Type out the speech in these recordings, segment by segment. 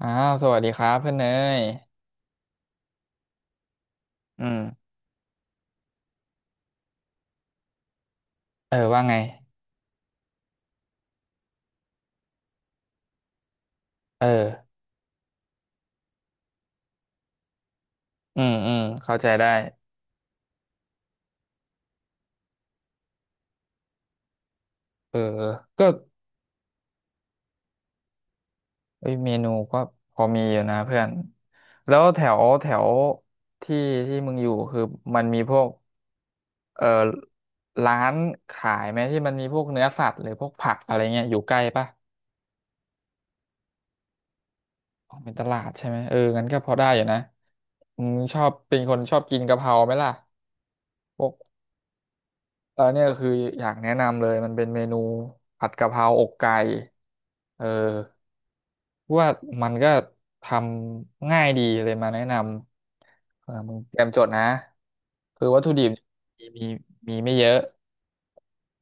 อ้าวสวัสดีครับเพื่อนเนยอืมเออว่าไงเอออืมอืมเข้าใจได้เออก็เอ้ยเมนูก็พอมีอยู่นะเพื่อนแล้วแถวแถวที่ที่มึงอยู่คือมันมีพวกเออร้านขายไหมที่มันมีพวกเนื้อสัตว์หรือพวกผักอะไรเงี้ยอยู่ใกล้ปะอ๋อเป็นตลาดใช่ไหมเอองั้นก็พอได้อยู่นะอืมึงชอบเป็นคนชอบกินกะเพราไหมล่ะพวก แล้วเนี่ยคืออยากแนะนำเลยมันเป็นเมนูผัดกะเพราอกไก่เออว่ามันก็ทำง่ายดีเลยมาแนะนำเออมึงเตรียมจดนะคือวัตถุดิบมีมีมีไม่เยอะ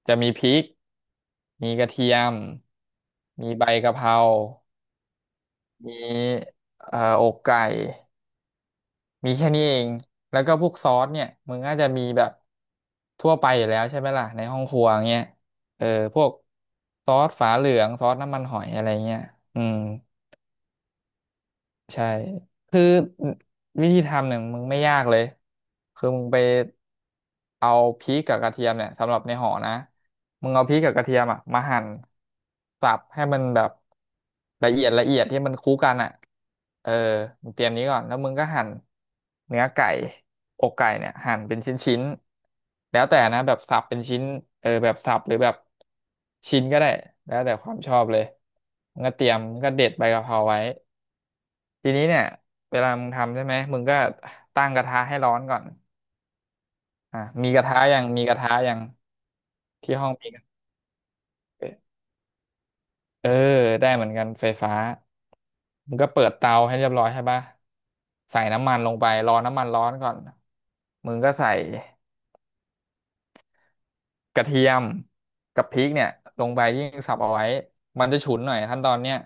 จะมีพริกมีกระเทียมมีใบกะเพรามีอกไก่ มีแค่นี้เอง แล้วก็พวกซอสเนี่ย มึงน่าจจะมีแบบทั่วไปอยู่แล้วใช่ไหมล่ะ ในห้องครัวเงี้ยเออ พวกซอสฝาเหลืองซอสน้ำมันหอยอะไรเงี้ยอืม ใช่คือวิธีทำเนี่ยมึงไม่ยากเลยคือมึงไปเอาพริกกับกระเทียมเนี่ยสำหรับในห่อนะมึงเอาพริกกับกระเทียมอ่ะมาหั่นสับให้มันแบบละเอียดที่มันคู่กันอ่ะเออมึงเตรียมนี้ก่อนแล้วมึงก็หั่นเนื้อไก่อกไก่เนี่ยหั่นเป็นชิ้นๆแล้วแต่นะแบบสับเป็นชิ้นเออแบบสับหรือแบบชิ้นก็ได้แล้วแต่ความชอบเลยมึงก็เด็ดใบกะเพราไว้ ทีนี้เนี่ยเวลามึงทำใช่ไหมมึงก็ตั้งกระทะให้ร้อนก่อนอ่ะมีกระทะยังมีกระทะยังที่ห้องมีกระทะเออได้เหมือนกันไฟฟ้ามึงก็เปิดเตาให้เรียบร้อยใช่ปะใส่น้ำมันลงไปรอน้ำมันร้อนก่อนมึงก็ใส่กระเทียมกับพริกเนี่ยลงไปยิ่งสับเอาไว้มันจะฉุนหน่อยขั้นตอนเนี้ย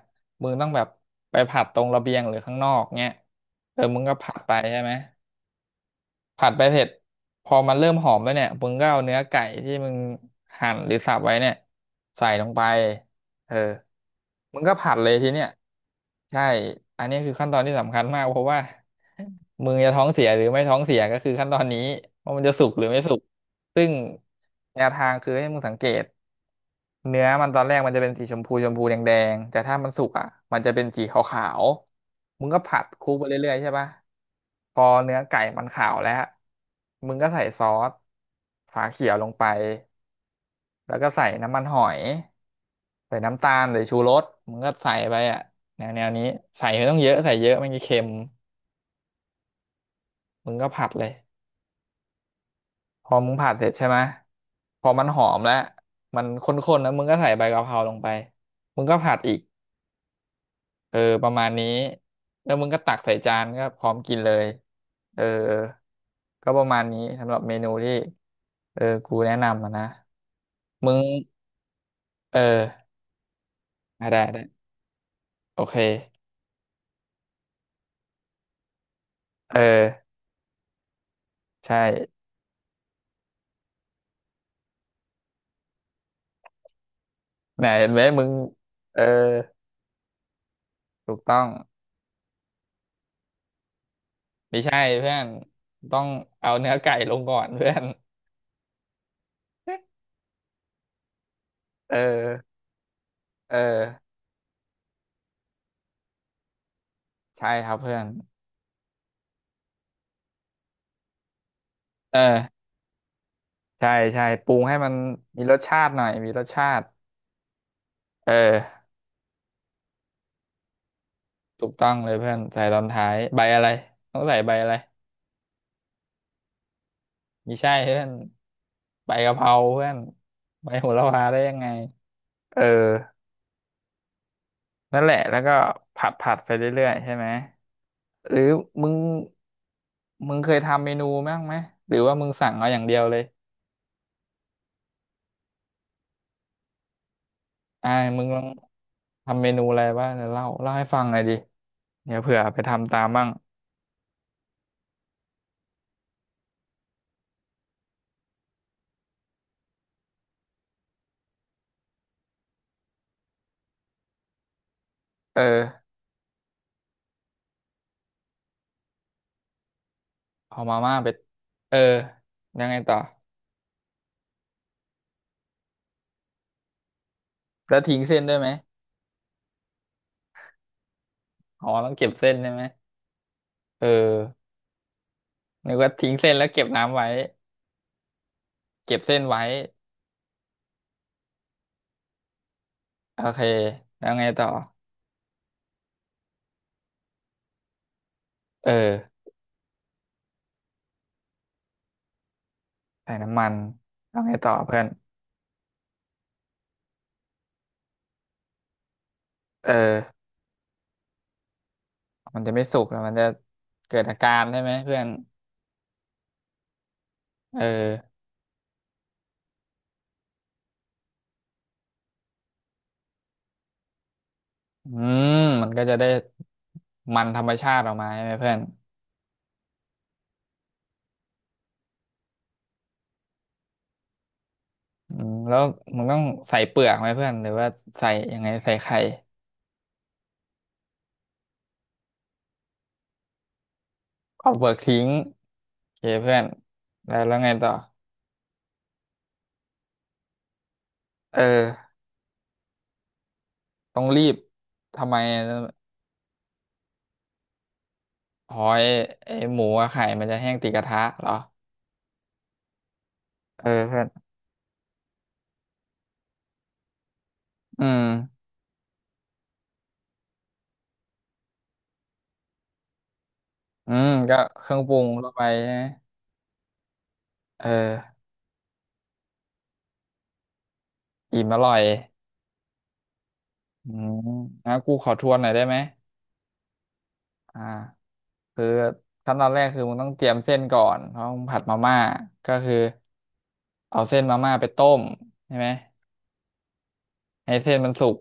มึงต้องแบบไปผัดตรงระเบียงหรือข้างนอกเนี่ยเออมึงก็ผัดไปใช่ไหม ผัดไปเสร็จพอมันเริ่มหอมแล้วเนี่ยมึงก็เอาเนื้อไก่ที่มึงหั่นหรือสับไว้เนี่ยใส่ลงไปเออมึงก็ผัดเลยทีเนี้ยใช่อันนี้คือขั้นตอนที่สำคัญมากเพราะว่ามึงจะท้องเสียหรือไม่ท้องเสียก็คือขั้นตอนนี้ว่ามันจะสุกหรือไม่สุกซึ่งแนวทางคือให้มึงสังเกต เนื้อมันตอนแรกมันจะเป็นสีชมพูชมพูแดงแดงแต่ถ้ามันสุกอ่ะมันจะเป็นสีขาวๆมึงก็ผัดคลุกไปเรื่อยๆใช่ปะพอเนื้อไก่มันขาวแล้วมึงก็ใส่ซอสฝาเขียวลงไปแล้วก็ใส่น้ำมันหอยใส่น้ำตาลหรือชูรสมึงก็ใส่ไปอ่ะแนวนี้ใส่ไม่ต้องเยอะใส่เยอะไม่งั้นเค็มมึงก็ผัดเลยพอมึงผัดเสร็จใช่ไหมพอมันหอมแล้วมันข้นๆแล้วมึงก็ใส่ใบกะเพราลงไปมึงก็ผัดอีก เออประมาณนี้แล้วมึงก็ตักใส่จานก็พร้อมกินเลยเออก็ประมาณนี้สำหรับเมนูที่เออกูแนะนำอะนะมึงเออได้ได้ได้โอเคเออใช่ไหนเห็นไหมมึงเออถูกต้องไม่ใช่เพื่อนต้องเอาเนื้อไก่ลงก่อนเพื่อน เออเออใช่ครับเพื่อนเออใช่ใช่ปรุงให้มันมีรสชาติหน่อยมีรสชาติเออ ถูกต้องเลยเพื่อนใส่ตอนท้ายใบอะไรต้องใส่ใบอะไรไม่ใช่เพื่อนใบกะเพราเพื่อนใบโหระพาได้ยังไงเออนั่นแหละแล้วก็ผัดผัดไปเรื่อยๆใช่ไหมหรือมึงมึงเคยทำเมนูบ้างไหมหรือว่ามึงสั่งเอาอย่างเดียวเลยอ่ามึงลองทำเมนูอะไรบ้างเดี๋ยวเล่าให้ฟังหน่อยดิเดี๋ยวเผื่อไปทำตามบ้างเออเอามาม่าไปเออยังไงต่อแล้วทิ้งเส้นด้วยไหมอ๋อต้องเก็บเส้นใช่ไหมเออ นึกว่าทิ้งเส้นแล้วเก็บน้ำไว้เก็บเส้นไว้โอเคแล้วไงต่อเออใส่น้ำมันแล้วไงต่อเพื่อนเออมันจะไม่สุกแล้วมันจะเกิดอาการใช่ไหมเพื่อนเอออืมมันก็จะได้มันธรรมชาติออกมาใช่ไหมเพื่อนอืมแล้วมันต้องใส่เปลือกไหมเพื่อนหรือว่าใส่ยังไงใส่ไข่เอาเปลือกทิ้งโอเคเพื่อนแล้วแล้วไงต่อเออต้องรีบทำไม หอยไอหมูกับไข่มันจะแห้งติดกระทะเหรอเออเพื่อนอืมอืมก็เครื่องปรุงลงไปใช่ไหมเอออิ่มอร่อยอืมงั้นกูขอทวนหน่อยได้ไหมอ่าคือขั้นตอนแรกคือมึงต้องเตรียมเส้นก่อนเพราะมึงผัดมาม่าก็คือเอาเส้นมาม่าไปต้มใช่ไหมให้เส้นมันสุก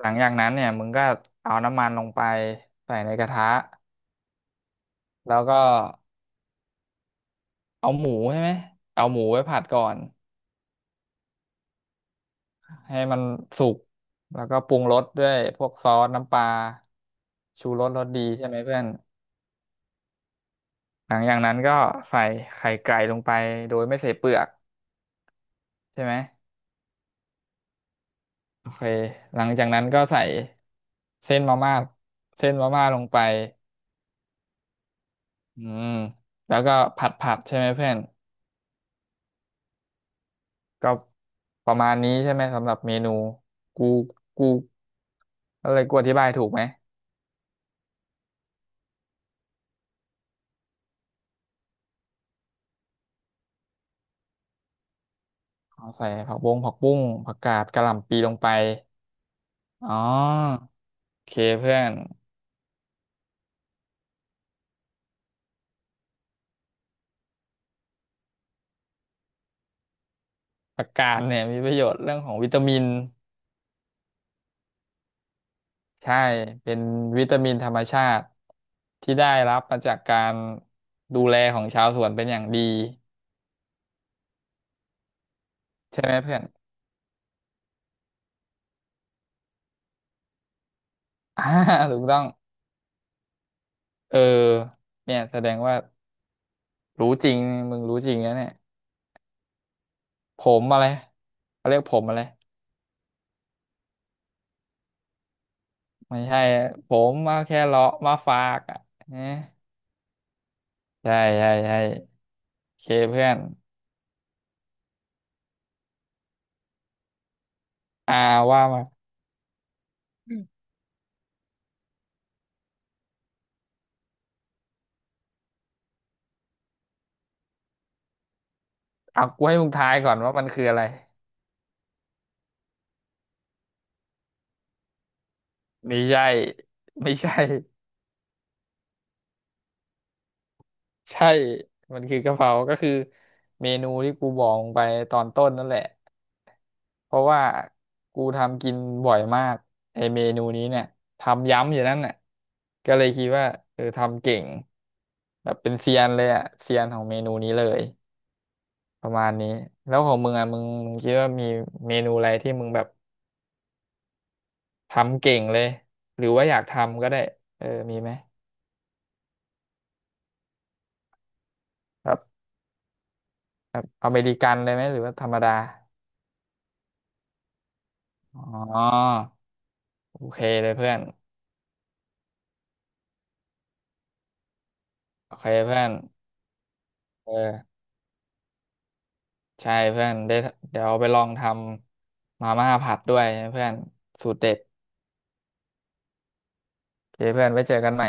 หลังจากนั้นเนี่ยมึงก็เอาน้ำมันลงไปใส่ในกระทะแล้วก็เอาหมูใช่ไหมเอาหมูไว้ผัดก่อน ให้มันสุกแล้วก็ปรุงรสด้วยพวกซอสน้ำปลาชูรสรสดีใช่ไหมเพื่อนหลังจากนั้นก็ใส่ไข่ไก่ลงไปโดยไม่ใส่เปลือกใช่ไหมโอเคหลังจากนั้นก็ใส่เส้นมาม่าเส้นมาม่าลงไปอืมแล้วก็ผัดใช่ไหมเพื่อนก็ประมาณนี้ใช่ไหมสำหรับเมนูกูกูอะไรกูอธิบายถูกไหมอ๋อใส่ผักบุ้งผักกาดกะหล่ำปีลงไปอ๋อ โอเคเพื่อนผักกาดเนี่ยมีประโยชน์เรื่องของวิตามินใช่เป็นวิตามินธรรมชาติที่ได้รับมาจากการดูแลของชาวสวนเป็นอย่างดีใช่ไหมเพื่อน อ่าถูกต้องเออเนี่ยแสดงว่ารู้จริงมึงรู้จริงนะเนี่ยผมอะไรเขาเรียกผมอะไรไม่ใช่ผมมาแค่เลาะมาฝากอ่ะเอ๊ะใช่ใช่ใช่โอเคเพื่อนอ่าว่ามาอเอากูให้มึงทายก่อนว่ามันคืออะไร ไม่ใช่ ไม่ใช่ใช่มันคือกะเพราก็คือเมนูที่กูบอกไปตอนต้นนั่นแหละเพราะว่ากูทำกินบ่อยมากไอเมนูนี้เนี่ยทำย้ำอยู่นั่นน่ะก็เลยคิดว่าเออทำเก่งแบบเป็นเซียนเลยอะเซียนของเมนูนี้เลยประมาณนี้แล้วของมึงอะมึงคิดว่ามีเมนูอะไรที่มึงแบบทำเก่งเลยหรือว่าอยากทำก็ได้เออมีไหมแบบแบบอเมริกันเลยไหมหรือว่าธรรมดา อ๋อโอเคเลยเพื่อนโอเคเพื่อนเออใช่เพื่อนได้เดี๋ยวไปลองทำมาม่าผัดด้วยนะเพื่อนสูตรเด็ดโอเคเพื่อนไว้เจอกันใหม่